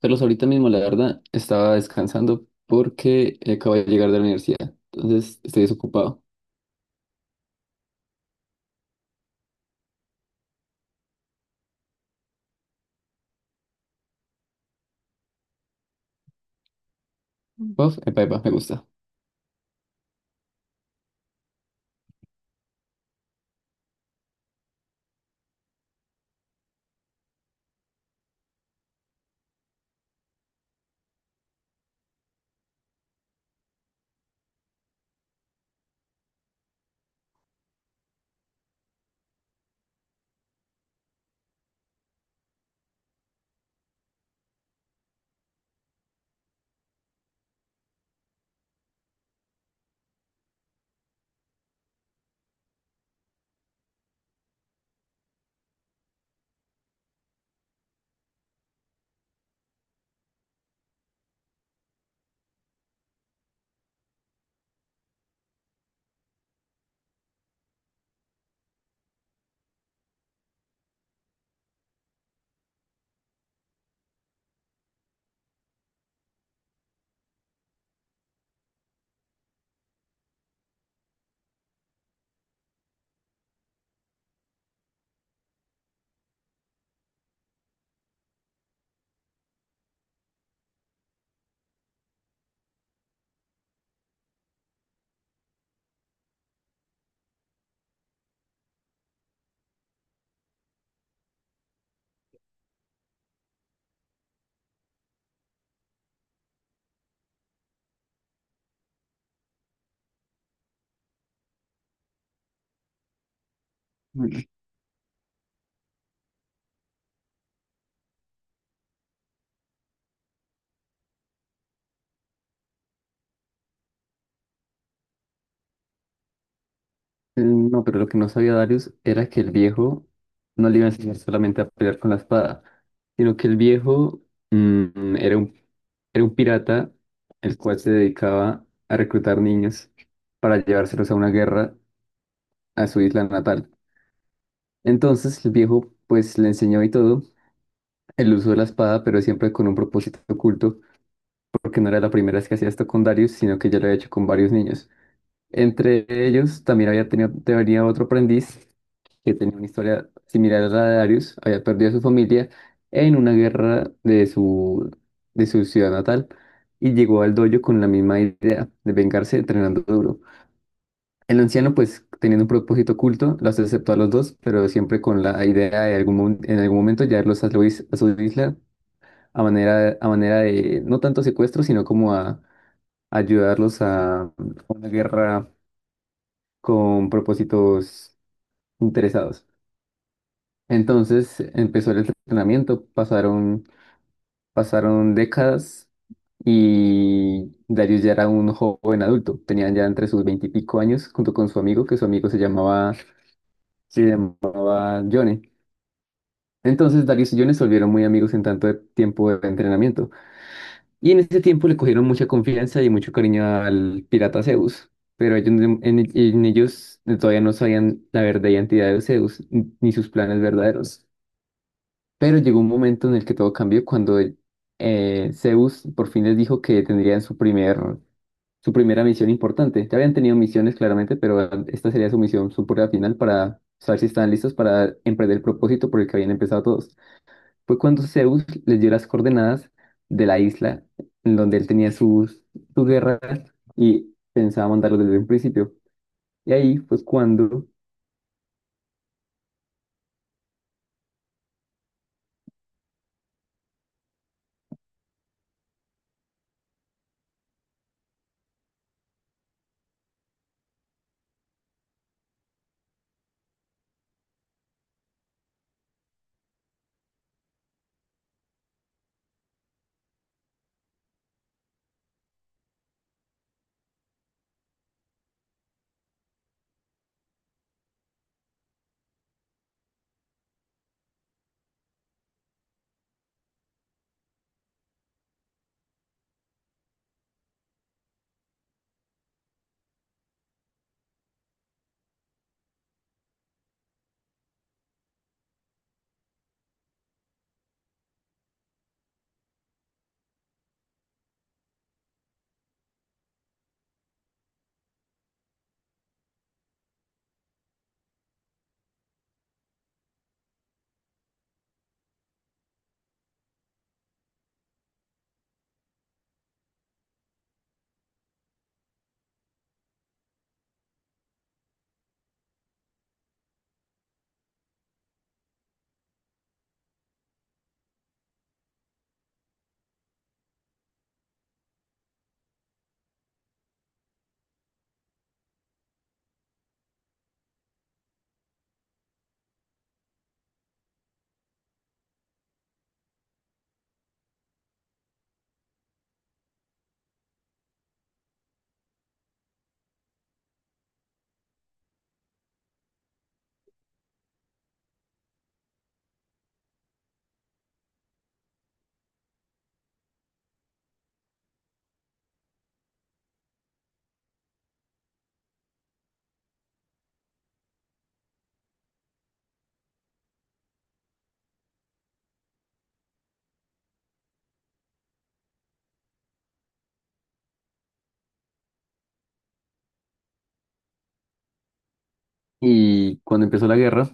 Carlos, ahorita mismo, la verdad, estaba descansando porque acabo de llegar de la universidad. Entonces, estoy desocupado. Uf, epa, epa, me gusta. No, pero lo que no sabía Darius era que el viejo no le iba a enseñar solamente a pelear con la espada, sino que el viejo mm, era un, era un pirata el cual se dedicaba a reclutar niños para llevárselos a una guerra a su isla natal. Entonces, el viejo pues le enseñó y todo el uso de la espada, pero siempre con un propósito oculto porque no era la primera vez que hacía esto con Darius, sino que ya lo había hecho con varios niños. Entre ellos también había tenido, tenía otro aprendiz que tenía una historia similar a la de Darius, había perdido a su familia en una guerra de de su ciudad natal y llegó al dojo con la misma idea de vengarse entrenando duro. El anciano, pues teniendo un propósito oculto, los aceptó a los dos, pero siempre con la idea de algún, en algún momento llevarlos a su a su isla a manera de no tanto secuestro, sino como a ayudarlos a una guerra con propósitos interesados. Entonces empezó el entrenamiento, pasaron décadas y Darius ya era un joven adulto, tenía ya entre sus veintipico años junto con su amigo, que su amigo se llamaba Johnny. Entonces Darius y Johnny se volvieron muy amigos en tanto de tiempo de entrenamiento. Y en ese tiempo le cogieron mucha confianza y mucho cariño al pirata Zeus, pero ellos, en ellos todavía no sabían la verdadera identidad de Zeus ni sus planes verdaderos. Pero llegó un momento en el que todo cambió cuando Zeus por fin les dijo que tendrían su su primera misión importante. Ya habían tenido misiones claramente, pero esta sería su misión, su prueba final para saber si estaban listos para emprender el propósito por el que habían empezado todos. Fue cuando Zeus les dio las coordenadas de la isla en donde él tenía sus guerras y pensaba mandarlos desde un principio. Y ahí pues cuando, y cuando empezó la guerra,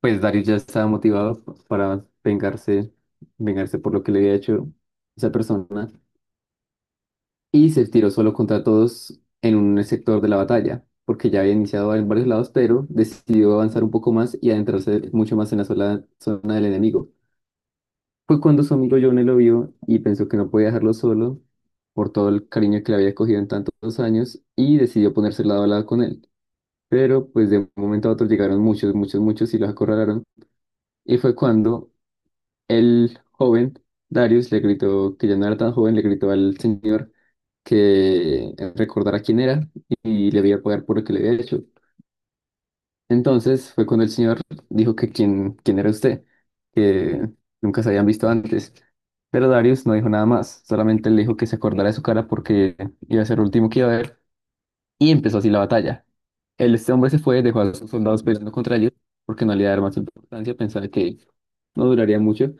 pues Darius ya estaba motivado para vengarse, vengarse por lo que le había hecho esa persona y se tiró solo contra todos en un sector de la batalla, porque ya había iniciado en varios lados, pero decidió avanzar un poco más y adentrarse mucho más en la sola zona del enemigo. Fue cuando su amigo Johnny lo vio y pensó que no podía dejarlo solo por todo el cariño que le había cogido en tantos años y decidió ponerse lado a lado con él. Pero pues de un momento a otro llegaron muchos, muchos, muchos y los acorralaron. Y fue cuando el joven Darius le gritó, que ya no era tan joven, le gritó al señor que recordara quién era y le iba a pagar por lo que le había hecho. Entonces fue cuando el señor dijo que quién era usted, que nunca se habían visto antes. Pero Darius no dijo nada más, solamente le dijo que se acordara de su cara porque iba a ser el último que iba a ver y empezó así la batalla. Este hombre se fue, dejó a sus soldados peleando contra ellos porque no le iba a dar más importancia, pensaba que no duraría mucho.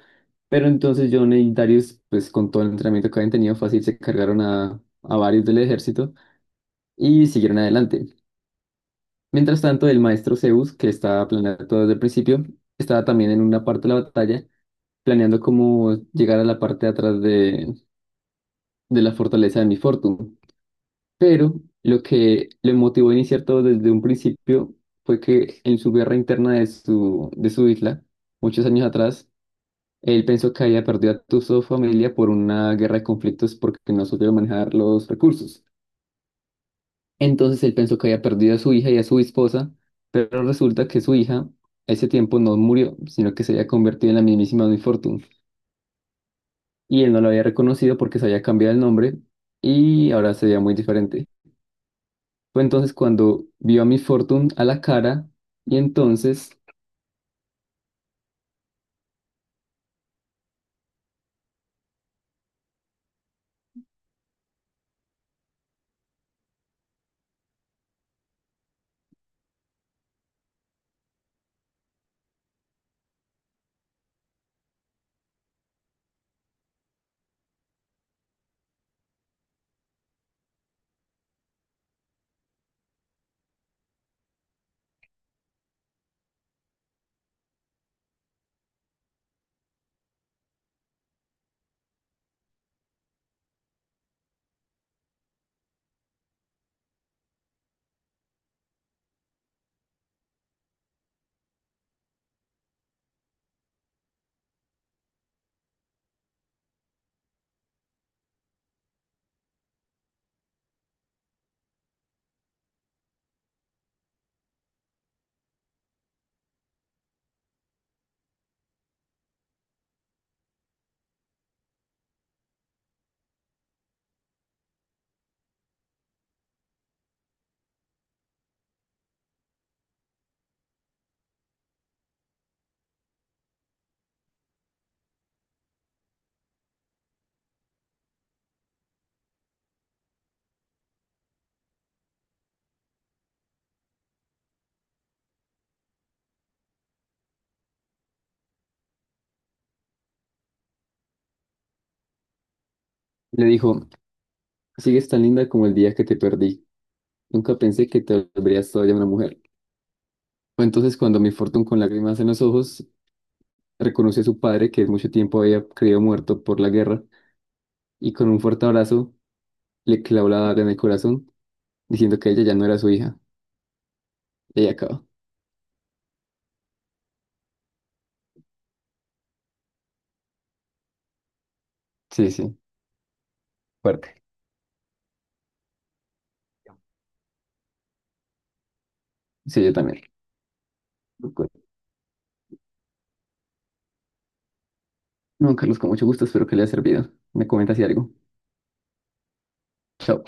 Pero entonces John y Darius, pues con todo el entrenamiento que habían tenido fácil, se cargaron a varios del ejército y siguieron adelante. Mientras tanto, el maestro Zeus, que estaba planeando todo desde el principio, estaba también en una parte de la batalla, planeando cómo llegar a la parte de atrás de la fortaleza de Mi Fortune. Pero lo que le motivó a iniciar todo desde un principio fue que en su guerra interna de de su isla, muchos años atrás, él pensó que había perdido a toda su familia por una guerra de conflictos porque no supieron manejar los recursos. Entonces él pensó que había perdido a su hija y a su esposa, pero resulta que su hija a ese tiempo no murió, sino que se había convertido en la mismísima Miss Fortune. Y él no la había reconocido porque se había cambiado el nombre y ahora se veía muy diferente. Fue entonces cuando vio a Miss Fortune a la cara y entonces le dijo, sigues tan linda como el día que te perdí. Nunca pensé que te volverías todavía una mujer. Fue entonces cuando Miss Fortune con lágrimas en los ojos reconoció a su padre que mucho tiempo había creído muerto por la guerra y con un fuerte abrazo le clavó la daga en el corazón, diciendo que ella ya no era su hija. Y ahí acabó. Sí, sí, fuerte. Sí, yo también. No, Carlos, con mucho gusto, espero que le haya servido. Me comenta si algo. Chao.